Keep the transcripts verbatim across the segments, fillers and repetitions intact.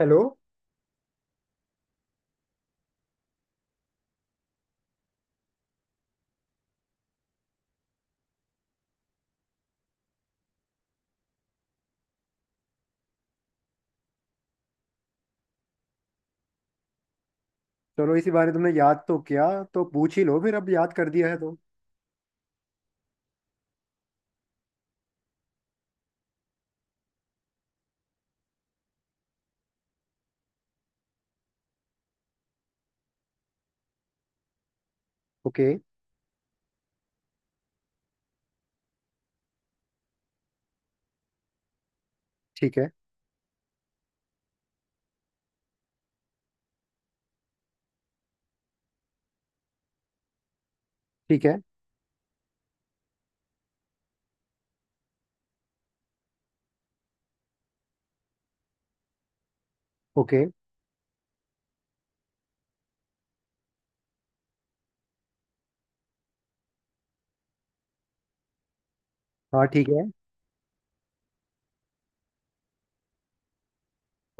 Hello. चलो, इसी बारे तुमने याद तो किया तो पूछ ही लो। फिर अब याद कर दिया है तो ओके। ठीक है। ठीक है। ओके। हाँ ठीक है।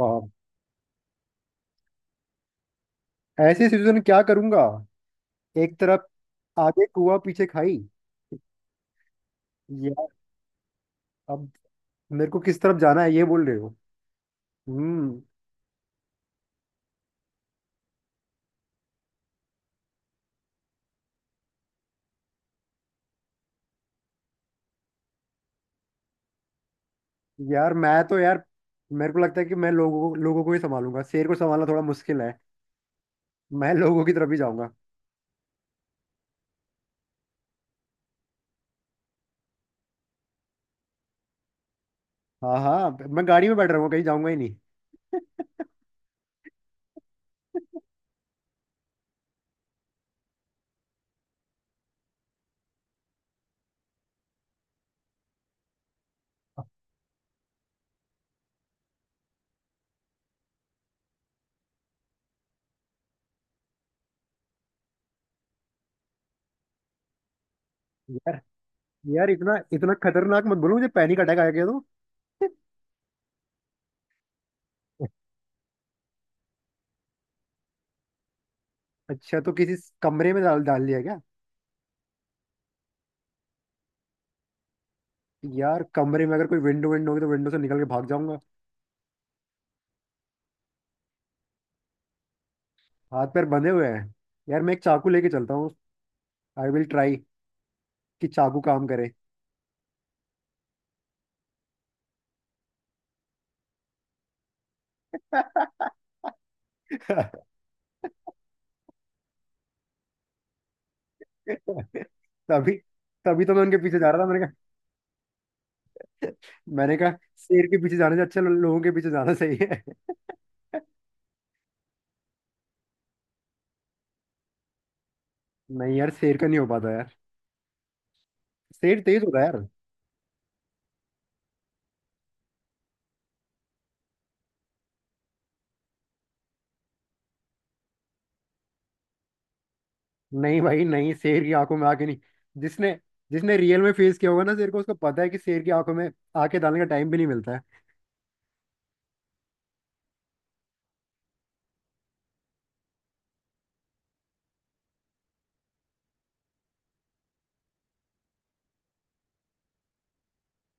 वाह। ऐसे सिचुएशन में क्या करूंगा? एक तरफ आगे कुआ पीछे खाई। यार, अब मेरे को किस तरफ जाना है ये बोल रहे हो? हम्म। यार, मैं तो यार मेरे को लगता है कि मैं लोगों को लोगों को ही संभालूंगा। शेर को संभालना थोड़ा मुश्किल है। मैं लोगों की तरफ ही जाऊंगा। हाँ हाँ। मैं गाड़ी में बैठ रहा हूँ, कहीं जाऊंगा ही नहीं। यार यार इतना इतना खतरनाक मत बोलो, मुझे पैनिक अटैक आ गया तो। अच्छा, तो किसी कमरे में डाल डाल दिया क्या? यार, कमरे में अगर कोई विंडो विंडो होगी तो विंडो से निकल के भाग जाऊंगा। हाथ पैर बंधे हुए हैं। यार, मैं एक चाकू लेके चलता हूँ। आई विल ट्राई कि चाकू काम करे। तभी तभी तो मैं उनके पीछे जा रहा था। मैंने कहा। मैंने कहा, शेर के पीछे जाने से अच्छा लो- लोगों के पीछे जाना सही है। नहीं यार, शेर का नहीं हो पाता यार। शेर तेज होता है यार। नहीं भाई नहीं, शेर की आंखों में आके नहीं। जिसने जिसने रियल में फेस किया होगा ना शेर को, उसको पता है कि शेर की आंखों में आके डालने का टाइम भी नहीं मिलता है।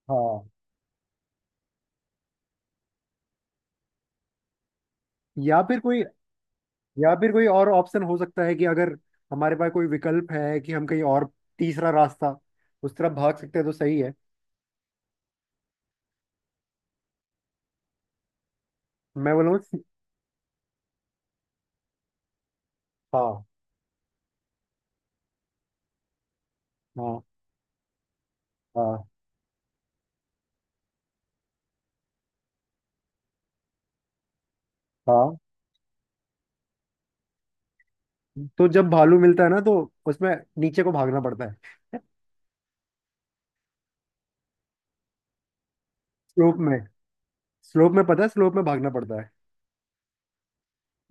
हाँ। या फिर कोई या फिर कोई और ऑप्शन हो सकता है कि अगर हमारे पास कोई विकल्प है कि हम कहीं और, तीसरा रास्ता, उस तरफ भाग सकते हैं तो सही है। मैं बोलूँ? हाँ हाँ हाँ हाँ। तो जब भालू मिलता है ना तो उसमें नीचे को भागना पड़ता है। स्लोप में। स्लोप में पता है, स्लोप में भागना पड़ता है।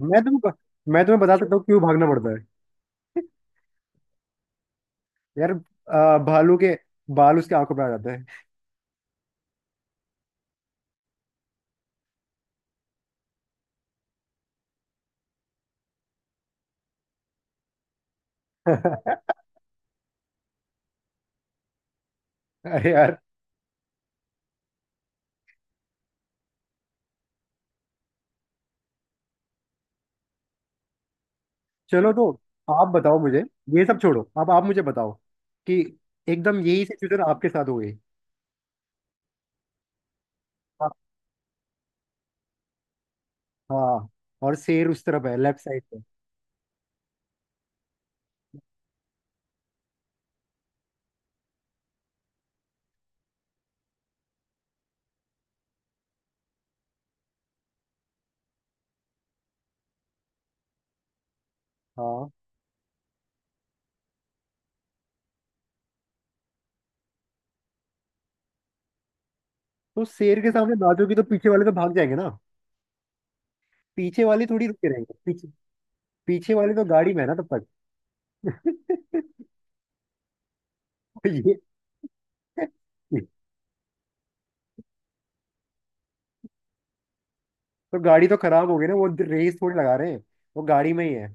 मैं तुमको मैं तुम्हें बता सकता हूँ क्यों भागना पड़ता है। यार, आ, भालू के बाल उसके आंखों पे आ जाते हैं। अरे यार। चलो, तो आप बताओ मुझे। ये सब छोड़ो, अब आप मुझे बताओ कि एकदम यही सिचुएशन आपके साथ हो गई। हाँ। हाँ, और शेर उस तरफ है, लेफ्ट साइड पे। हाँ। तो शेर के सामने नाचोगी तो पीछे वाले तो भाग जाएंगे ना? पीछे वाले थोड़ी रुके रहेंगे पीछे। पीछे वाले तो गाड़ी में है ना तब तक। ये तो गाड़ी तो खराब हो गई ना, वो रेस थोड़ी लगा रहे हैं। वो गाड़ी में ही है।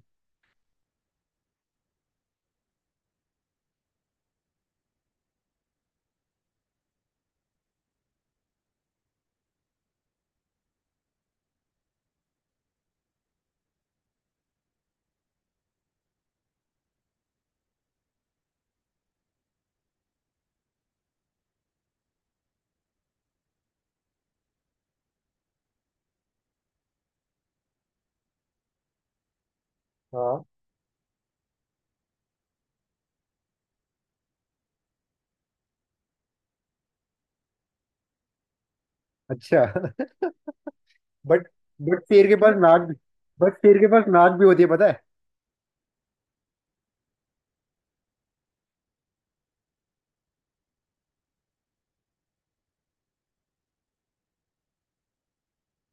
हाँ। अच्छा। बट बट शेर के पास नाक भी बट शेर के पास नाक भी होती है पता है।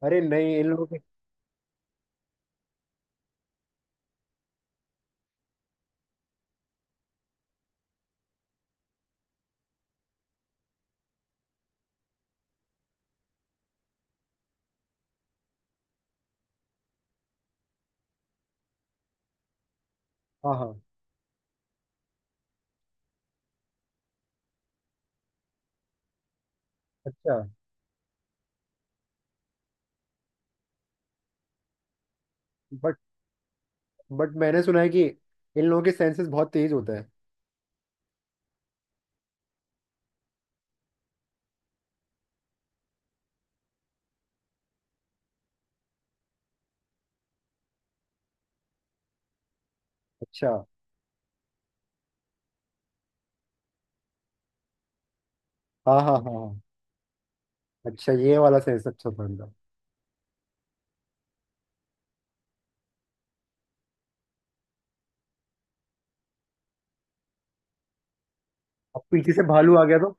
अरे नहीं, इन लोगों के। हाँ हाँ। अच्छा। बट बट मैंने सुना है कि इन लोगों के सेंसेस बहुत तेज होते हैं। अच्छा। हाँ हाँ हाँ हाँ। अच्छा, ये वाला सेंस अच्छा था इनका। अब पीछे से भालू आ गया तो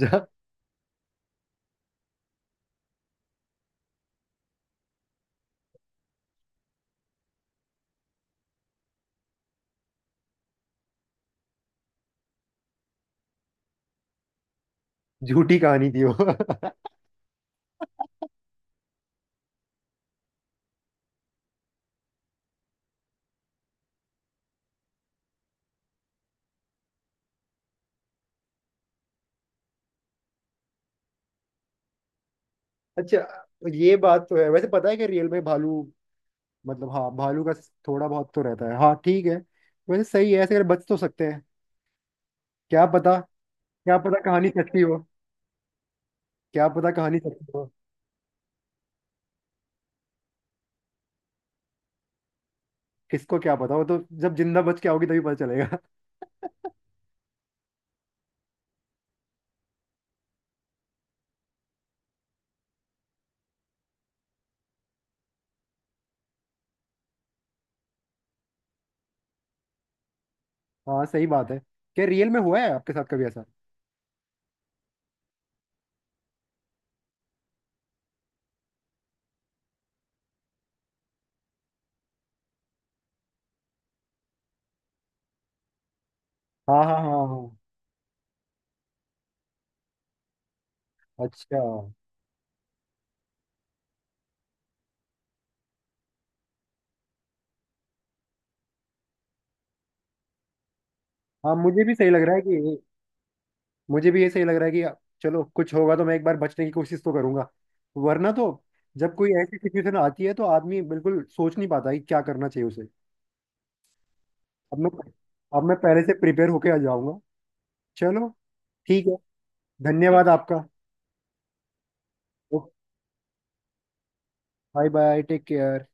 जा झूठी कहानी थी वो। अच्छा। ये बात तो है। वैसे पता है कि रियल में भालू, मतलब हाँ, भालू का थोड़ा बहुत तो रहता है। हाँ ठीक है। वैसे सही है, ऐसे अगर बच तो सकते हैं। क्या पता। क्या पता कहानी सच्ची हो। क्या पता कहानी सच्ची हो। किसको क्या पता, वो तो जब जिंदा बच के आओगी तभी पता चलेगा। हाँ सही बात है। क्या रियल में हुआ है आपके साथ कभी ऐसा? हाँ हाँ हाँ हाँ। अच्छा। हाँ मुझे भी सही लग रहा है कि मुझे भी ये सही लग रहा है कि चलो, कुछ होगा तो मैं एक बार बचने की कोशिश तो करूंगा। वरना तो जब कोई ऐसी सिचुएशन आती है तो आदमी बिल्कुल सोच नहीं पाता कि क्या करना चाहिए उसे। अब मैं अब मैं पहले से प्रिपेयर होके आ जाऊंगा। चलो ठीक है। धन्यवाद आपका। Bye bye, take care.